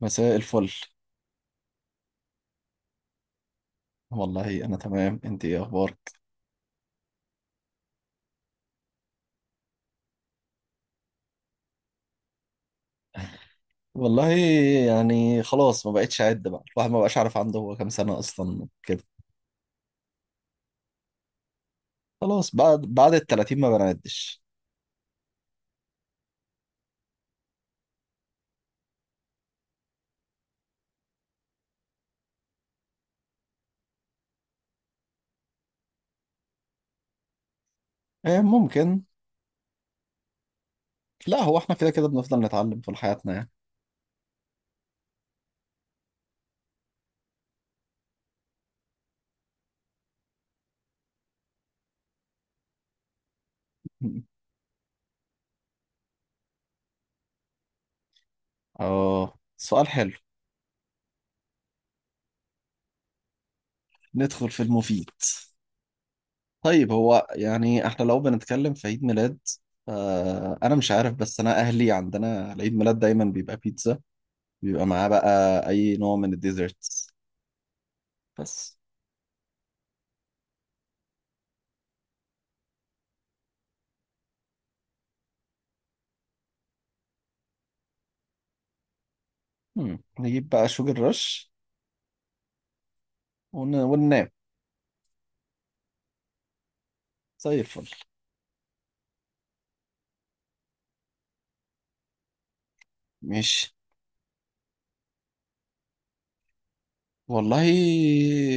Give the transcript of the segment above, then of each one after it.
مساء الفل. والله انا تمام، انت ايه اخبارك؟ والله يعني خلاص ما بقتش اعد بقى، الواحد ما بقاش عارف عنده هو كام سنه اصلا كده. خلاص بعد ال 30 ما بنعدش. آه، ممكن. لا، هو احنا كده كده بنفضل نتعلم طول حياتنا يعني. اه، سؤال حلو. ندخل في المفيد. طيب هو يعني احنا لو بنتكلم في عيد ميلاد، آه انا مش عارف، بس انا اهلي عندنا العيد ميلاد دايما بيبقى بيتزا، بيبقى معاه بقى اي نوع من الديزرتس؟ بس. نجيب بقى شوجر رش وننام. زي الفل. ماشي. والله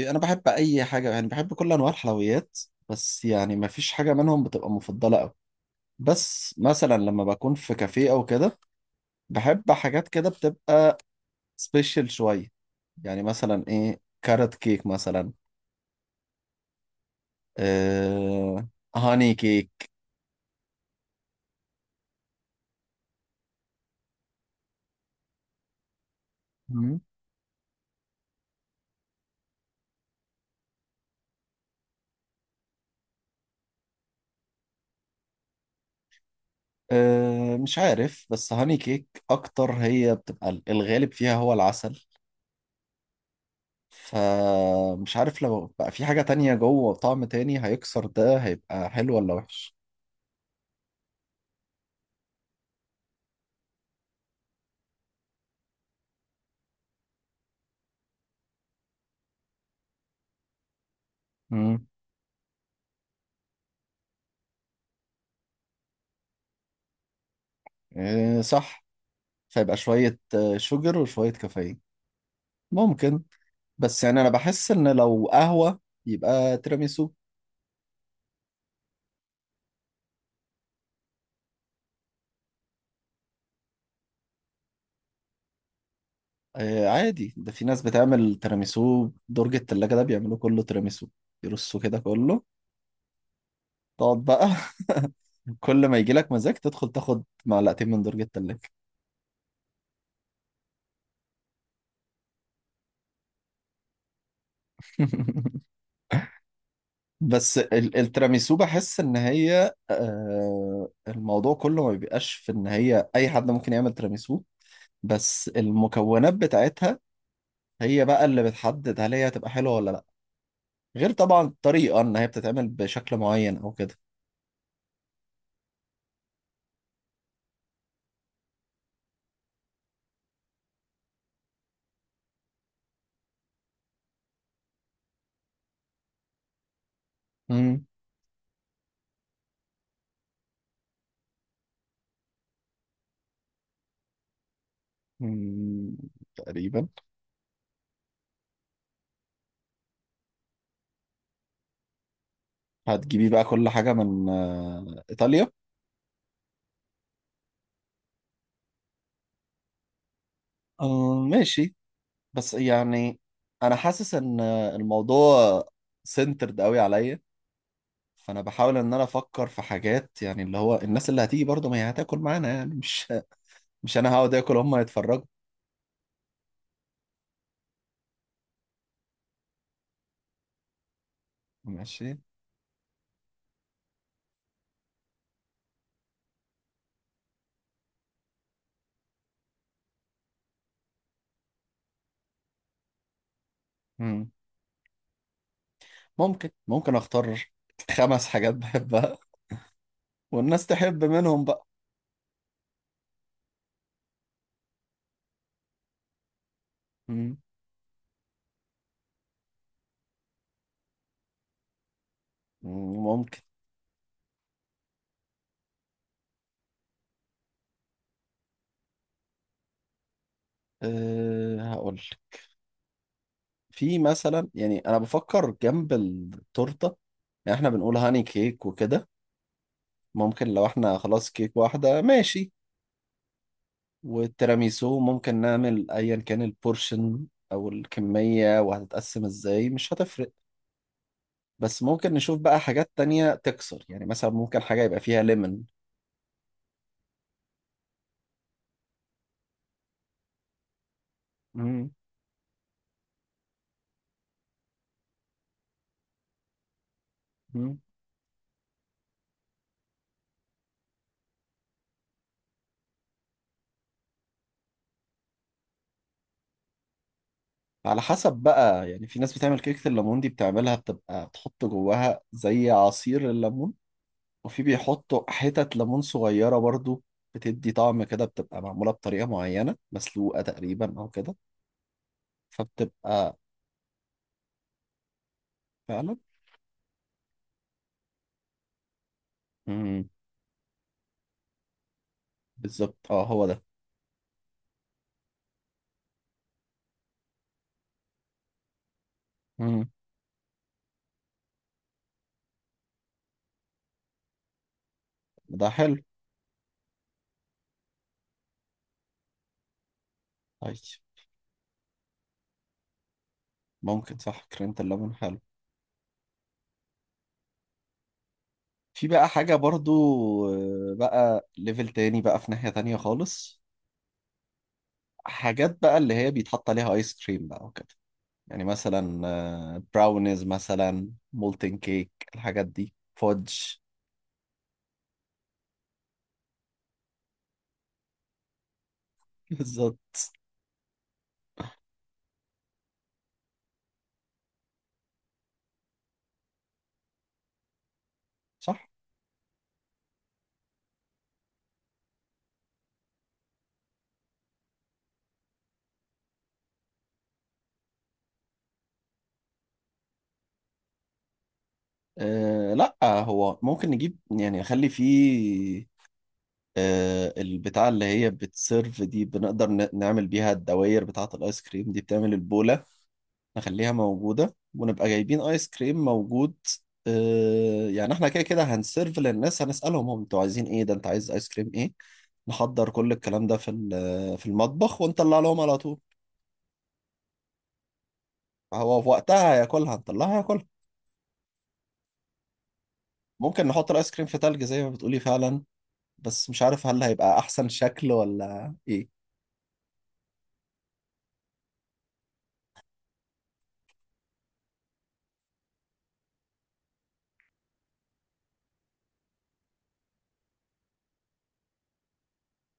انا بحب اي حاجه، يعني بحب كل انواع الحلويات، بس يعني ما فيش حاجه منهم بتبقى مفضله قوي. بس مثلا لما بكون في كافيه او كده، بحب حاجات كده بتبقى سبيشال شويه. يعني مثلا ايه، كارت كيك مثلا. آه... هاني كيك. مم. مش عارف، بس هاني كيك اكتر هي بتبقى الغالب فيها هو العسل، فمش عارف لو بقى في حاجة تانية جوه طعم تاني هيكسر ده، هيبقى حلو ولا وحش. امم إيه صح. فيبقى شوية شوجر وشوية كافيين. ممكن. بس يعني أنا بحس إن لو قهوة يبقى تيراميسو. إيه عادي، ده في ناس بتعمل تيراميسو درج التلاجة، ده بيعملوا كله تيراميسو، يرصوا كده كله. تقعد بقى. كل ما يجيلك مزاج تدخل تاخد معلقتين من درج التلاجة. بس التيراميسو بحس ان هي، الموضوع كله ما بيبقاش في ان هي اي حد ممكن يعمل تيراميسو، بس المكونات بتاعتها هي بقى اللي بتحدد هل هي هتبقى حلوة ولا لا، غير طبعا الطريقة ان هي بتتعمل بشكل معين او كده. مم. مم. تقريبا. هتجيبي بقى كل حاجة من ايطاليا؟ ماشي. بس يعني انا حاسس ان الموضوع سنترد قوي عليا، فانا بحاول ان انا افكر في حاجات، يعني اللي هو الناس اللي هتيجي برضه ما هي هتاكل معانا يعني، مش مش انا هقعد اكل هم يتفرجوا. ماشي. مم. ممكن اختار 5 حاجات بحبها، والناس تحب منهم بقى. مم. مم، ممكن. أه هقول لك. في مثلا، يعني انا بفكر جنب التورته، يعني احنا بنقول هاني كيك وكده. ممكن لو احنا خلاص كيك واحده، ماشي. والتيراميسو ممكن نعمل ايا كان البورشن او الكمية، وهتتقسم ازاي مش هتفرق. بس ممكن نشوف بقى حاجات تانية تكسر، يعني مثلا ممكن حاجة يبقى فيها ليمون. مم. مم. على حسب بقى، يعني في ناس بتعمل كيكة الليمون دي بتعملها بتبقى بتحط جواها زي عصير الليمون، وفي بيحطوا حتت ليمون صغيرة برضو، بتدي طعم كده، بتبقى معمولة بطريقة معينة مسلوقة تقريبا أو كده. فبتبقى فعلا. مم. بالظبط، اه هو ده. مم. ده حلو. عادي، ممكن صح، كريمة اللبن حلو. في بقى حاجة برضو بقى ليفل تاني بقى في ناحية تانية خالص، حاجات بقى اللي هي بيتحط عليها آيس كريم بقى وكده، يعني مثلا براونيز مثلا، مولتن كيك، الحاجات دي، فودج. بالظبط. صح. أه لا، هو ممكن نجيب، يعني نخلي فيه. أه البتاع اللي هي بتسيرف دي بنقدر نعمل بيها الدوائر بتاعة الآيس كريم، دي بتعمل البولة، نخليها موجودة ونبقى جايبين آيس كريم موجود. يعني احنا كده كده هنسيرف للناس، هنسألهم هم انتوا عايزين ايه، ده انت عايز آيس كريم ايه. نحضر كل الكلام ده في في المطبخ ونطلع لهم على طول. هو في وقتها هياكلها، هنطلعها هياكلها. ممكن نحط الآيس كريم في تلج زي ما بتقولي فعلا، بس مش عارف هل هيبقى أحسن شكل ولا ايه.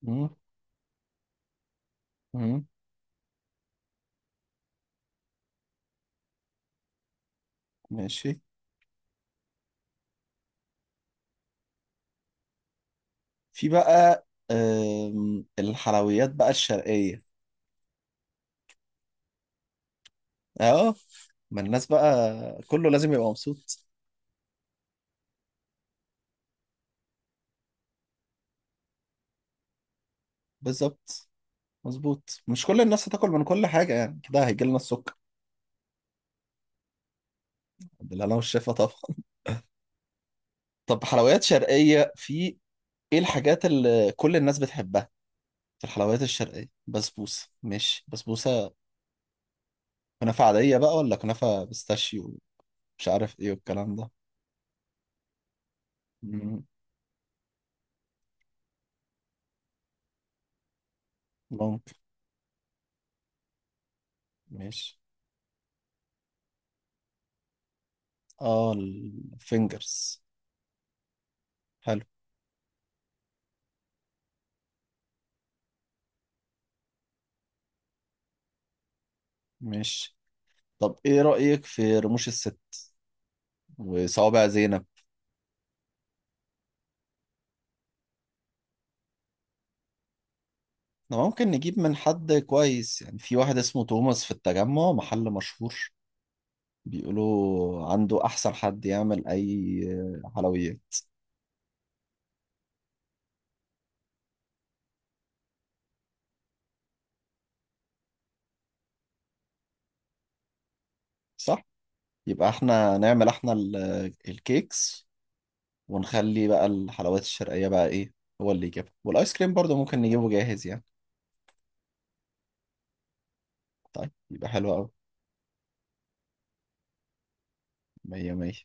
مم، مم، ماشي. في بقى الحلويات بقى الشرقية. اه، ما الناس بقى كله لازم يبقى مبسوط. بالظبط. مظبوط، مش كل الناس هتاكل من كل حاجة يعني، كده هيجي لنا السكر. بالله، أنا والشفا طبعا. طب حلويات شرقية، في إيه الحاجات اللي كل الناس بتحبها في الحلويات الشرقية؟ بسبوسة. ماشي، بسبوسة. كنافة عادية بقى ولا كنافة بيستاشيو؟ مش عارف إيه والكلام ده. مم، ممكن. ماشي. آه الفينجرز. حلو. ماشي. طب إيه رأيك في رموش الست وصوابع زينب؟ ده ممكن نجيب من حد كويس، يعني في واحد اسمه توماس في التجمع، محل مشهور، بيقولوا عنده أحسن حد يعمل أي حلويات. صح؟ يبقى احنا نعمل احنا الكيكس، ونخلي بقى الحلويات الشرقية بقى ايه، هو اللي يجيبها. والآيس كريم برضه ممكن نجيبه جاهز يعني. طيب يبقى حلو أوي. مية مية.